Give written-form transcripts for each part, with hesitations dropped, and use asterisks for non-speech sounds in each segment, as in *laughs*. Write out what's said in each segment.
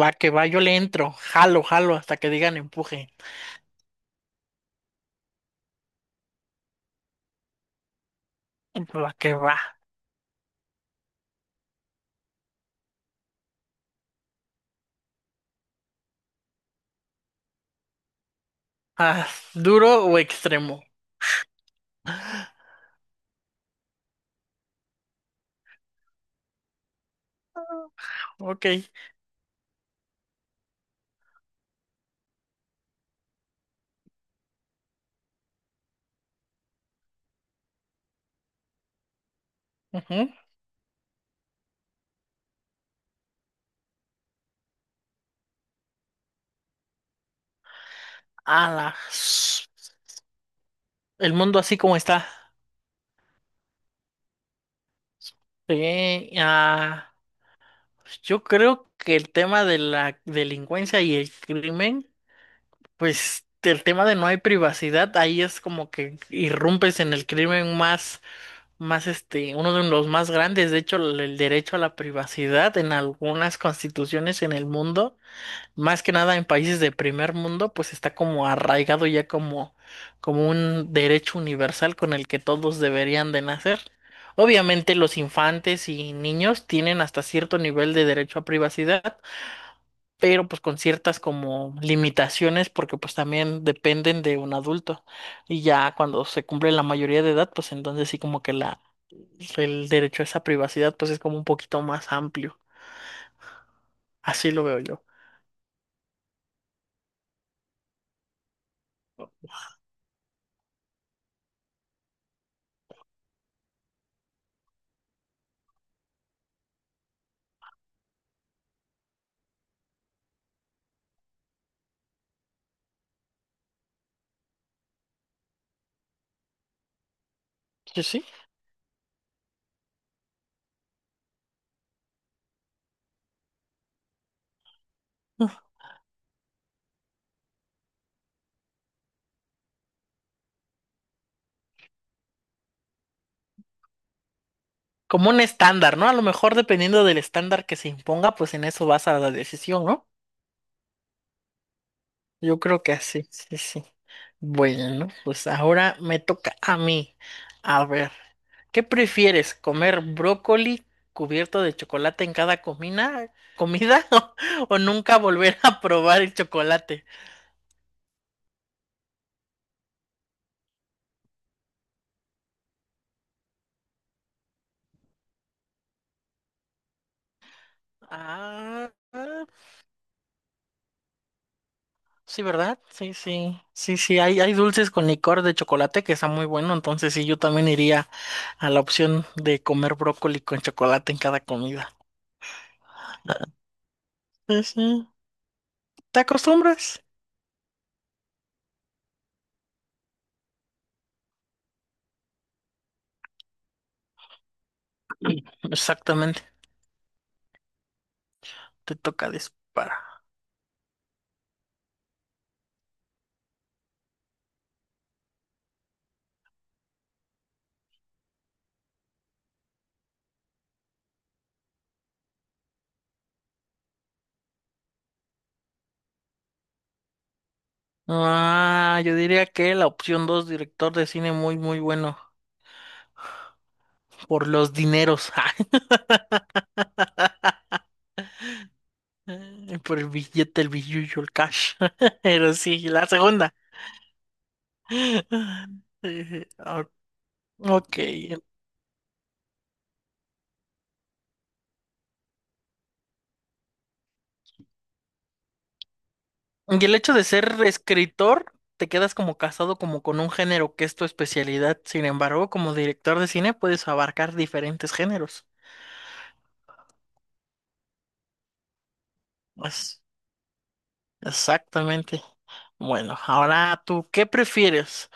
Va que va, yo le entro, jalo, jalo hasta que digan empuje. Va que va. Ah, ¿duro o extremo? Ah, ok. Ujú. A la. El mundo así como está. Sí, yo creo que el tema de la delincuencia y el crimen, pues el tema de no hay privacidad, ahí es como que irrumpes en el crimen más. Más uno de los más grandes, de hecho, el derecho a la privacidad en algunas constituciones en el mundo, más que nada en países de primer mundo, pues está como arraigado ya como, como un derecho universal con el que todos deberían de nacer. Obviamente los infantes y niños tienen hasta cierto nivel de derecho a privacidad, pero pues con ciertas como limitaciones porque pues también dependen de un adulto. Y ya cuando se cumple la mayoría de edad, pues entonces sí como que la el derecho a esa privacidad pues es como un poquito más amplio. Así lo veo yo. Sí, sí. mm, Como un estándar, ¿no? A lo mejor dependiendo del estándar que se imponga, pues en eso vas a la decisión, ¿no? Yo creo que así, sí, sí. Bueno, pues ahora me toca a mí. A ver, ¿qué prefieres? ¿Comer brócoli cubierto de chocolate en cada comida *laughs* o nunca volver a probar el chocolate? Ah. Sí, ¿verdad? Sí, sí, sí, sí, hay dulces con licor de chocolate que está muy bueno, entonces sí, yo también iría a la opción de comer brócoli con chocolate en cada comida. Sí, sí. ¿Te acostumbras? Exactamente, te toca disparar. Ah, yo diría que la opción 2 director de cine muy bueno, por los dineros, *laughs* ay, por el billete, el billullo, el cash, *laughs* pero sí, la segunda. *laughs* Eh, o- Ok. Y el hecho de ser escritor, te quedas como casado como con un género que es tu especialidad. Sin embargo, como director de cine puedes abarcar diferentes géneros. Pues, exactamente. Bueno, ahora tú, ¿qué prefieres?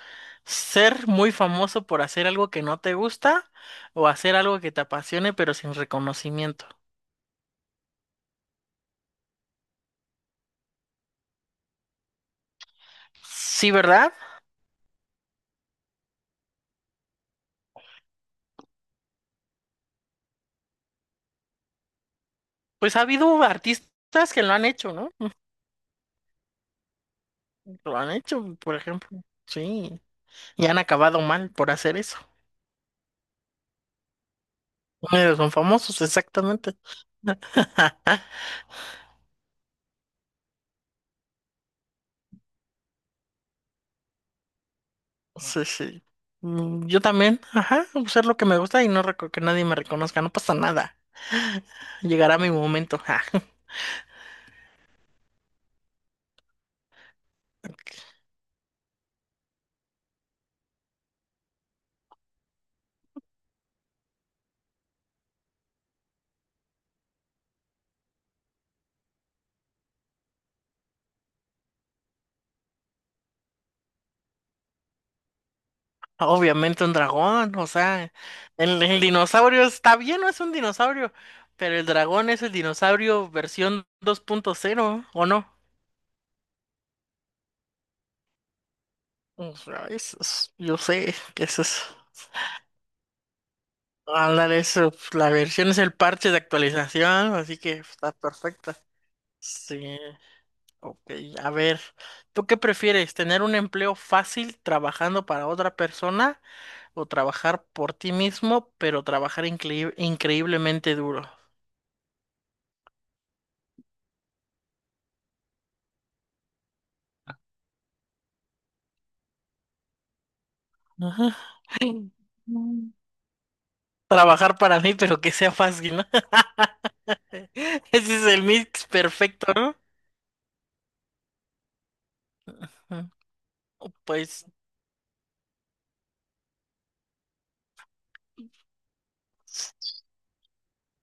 ¿Ser muy famoso por hacer algo que no te gusta o hacer algo que te apasione pero sin reconocimiento? Sí, ¿verdad? Pues ha habido artistas que lo han hecho, ¿no? Lo han hecho, por ejemplo. Sí, y han acabado mal por hacer eso. Son famosos, exactamente. *laughs* Ja, sí, sí. Mm, yo también, ajá, ser lo que me gusta y que nadie me reconozca, no pasa nada. Llegará mi momento, ja. *laughs* Obviamente un dragón, o sea, el dinosaurio está bien, no es un dinosaurio, pero el dragón es el dinosaurio versión 2.0, ¿o no? O sea, yo sé que eso es. Ándale, eso, pues, la versión es el parche de actualización, así que está perfecta. Sí. Ok, a ver, ¿tú qué prefieres? ¿Tener un empleo fácil trabajando para otra persona o trabajar por ti mismo, pero trabajar increíblemente duro? Ajá. Mm. Trabajar para mí, pero que sea fácil, ¿no? *laughs* Ese es el mix perfecto, ¿no? Mm, pues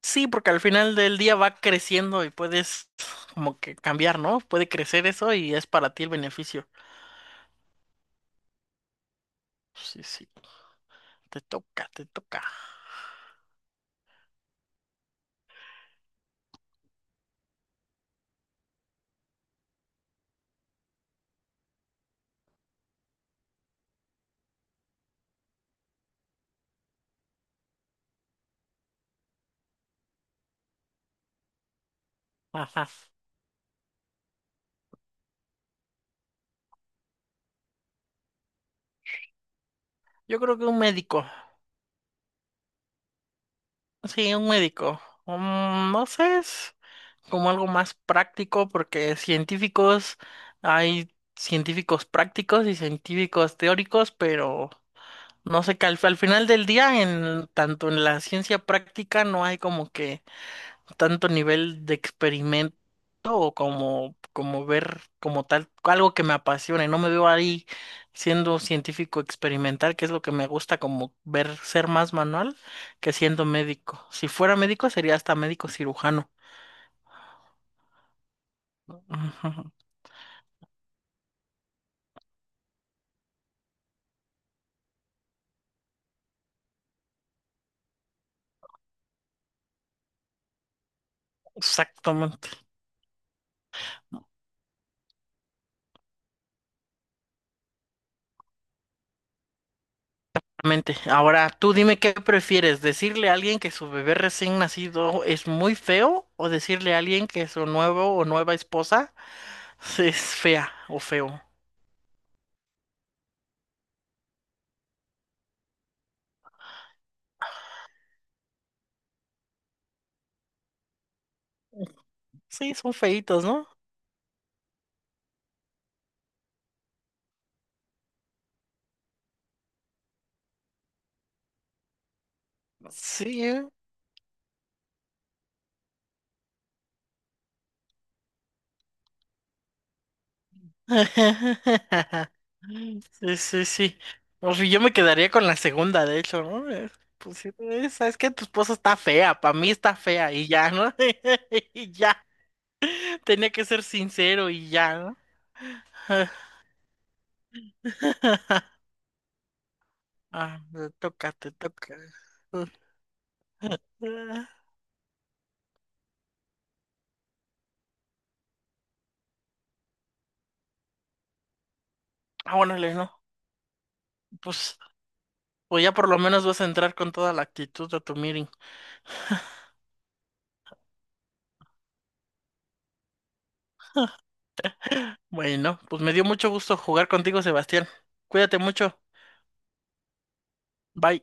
sí, porque al final del día va creciendo y puedes como que cambiar, ¿no? Puede crecer eso y es para ti el beneficio. Sí, sí, te toca, te toca. Ajá. Yo creo que un médico, sí, un médico. Mm, no sé, es como algo más práctico porque científicos, hay científicos prácticos y científicos teóricos, pero no sé que al final del día, en, tanto en la ciencia práctica no hay como que tanto nivel de experimento o como, como ver como tal algo que me apasione. No me veo ahí siendo científico experimental, que es lo que me gusta, como ver ser más manual que siendo médico. Si fuera médico, sería hasta médico cirujano. Ujú, exactamente. Exactamente. Ahora, tú dime qué prefieres, decirle a alguien que su bebé recién nacido es muy feo o decirle a alguien que su nuevo o nueva esposa *laughs* es fea o feo. Sí, son feitos, ¿no? Sí, ¿eh? *laughs* Sí, sí, sí. O sea, yo me quedaría con la segunda, de hecho, ¿no? Pues sí, sabes que tu esposa está fea, para mí está fea y ya, ¿no? *laughs* Y ya, tenía que ser sincero y ya, ¿no? Ah, te toca, te toca. Uh, Ah, órale, no. Pues, pues ya por lo menos vas a entrar con toda la actitud a tu meeting. Bueno, pues me dio mucho gusto jugar contigo, Sebastián. Cuídate mucho. Bye.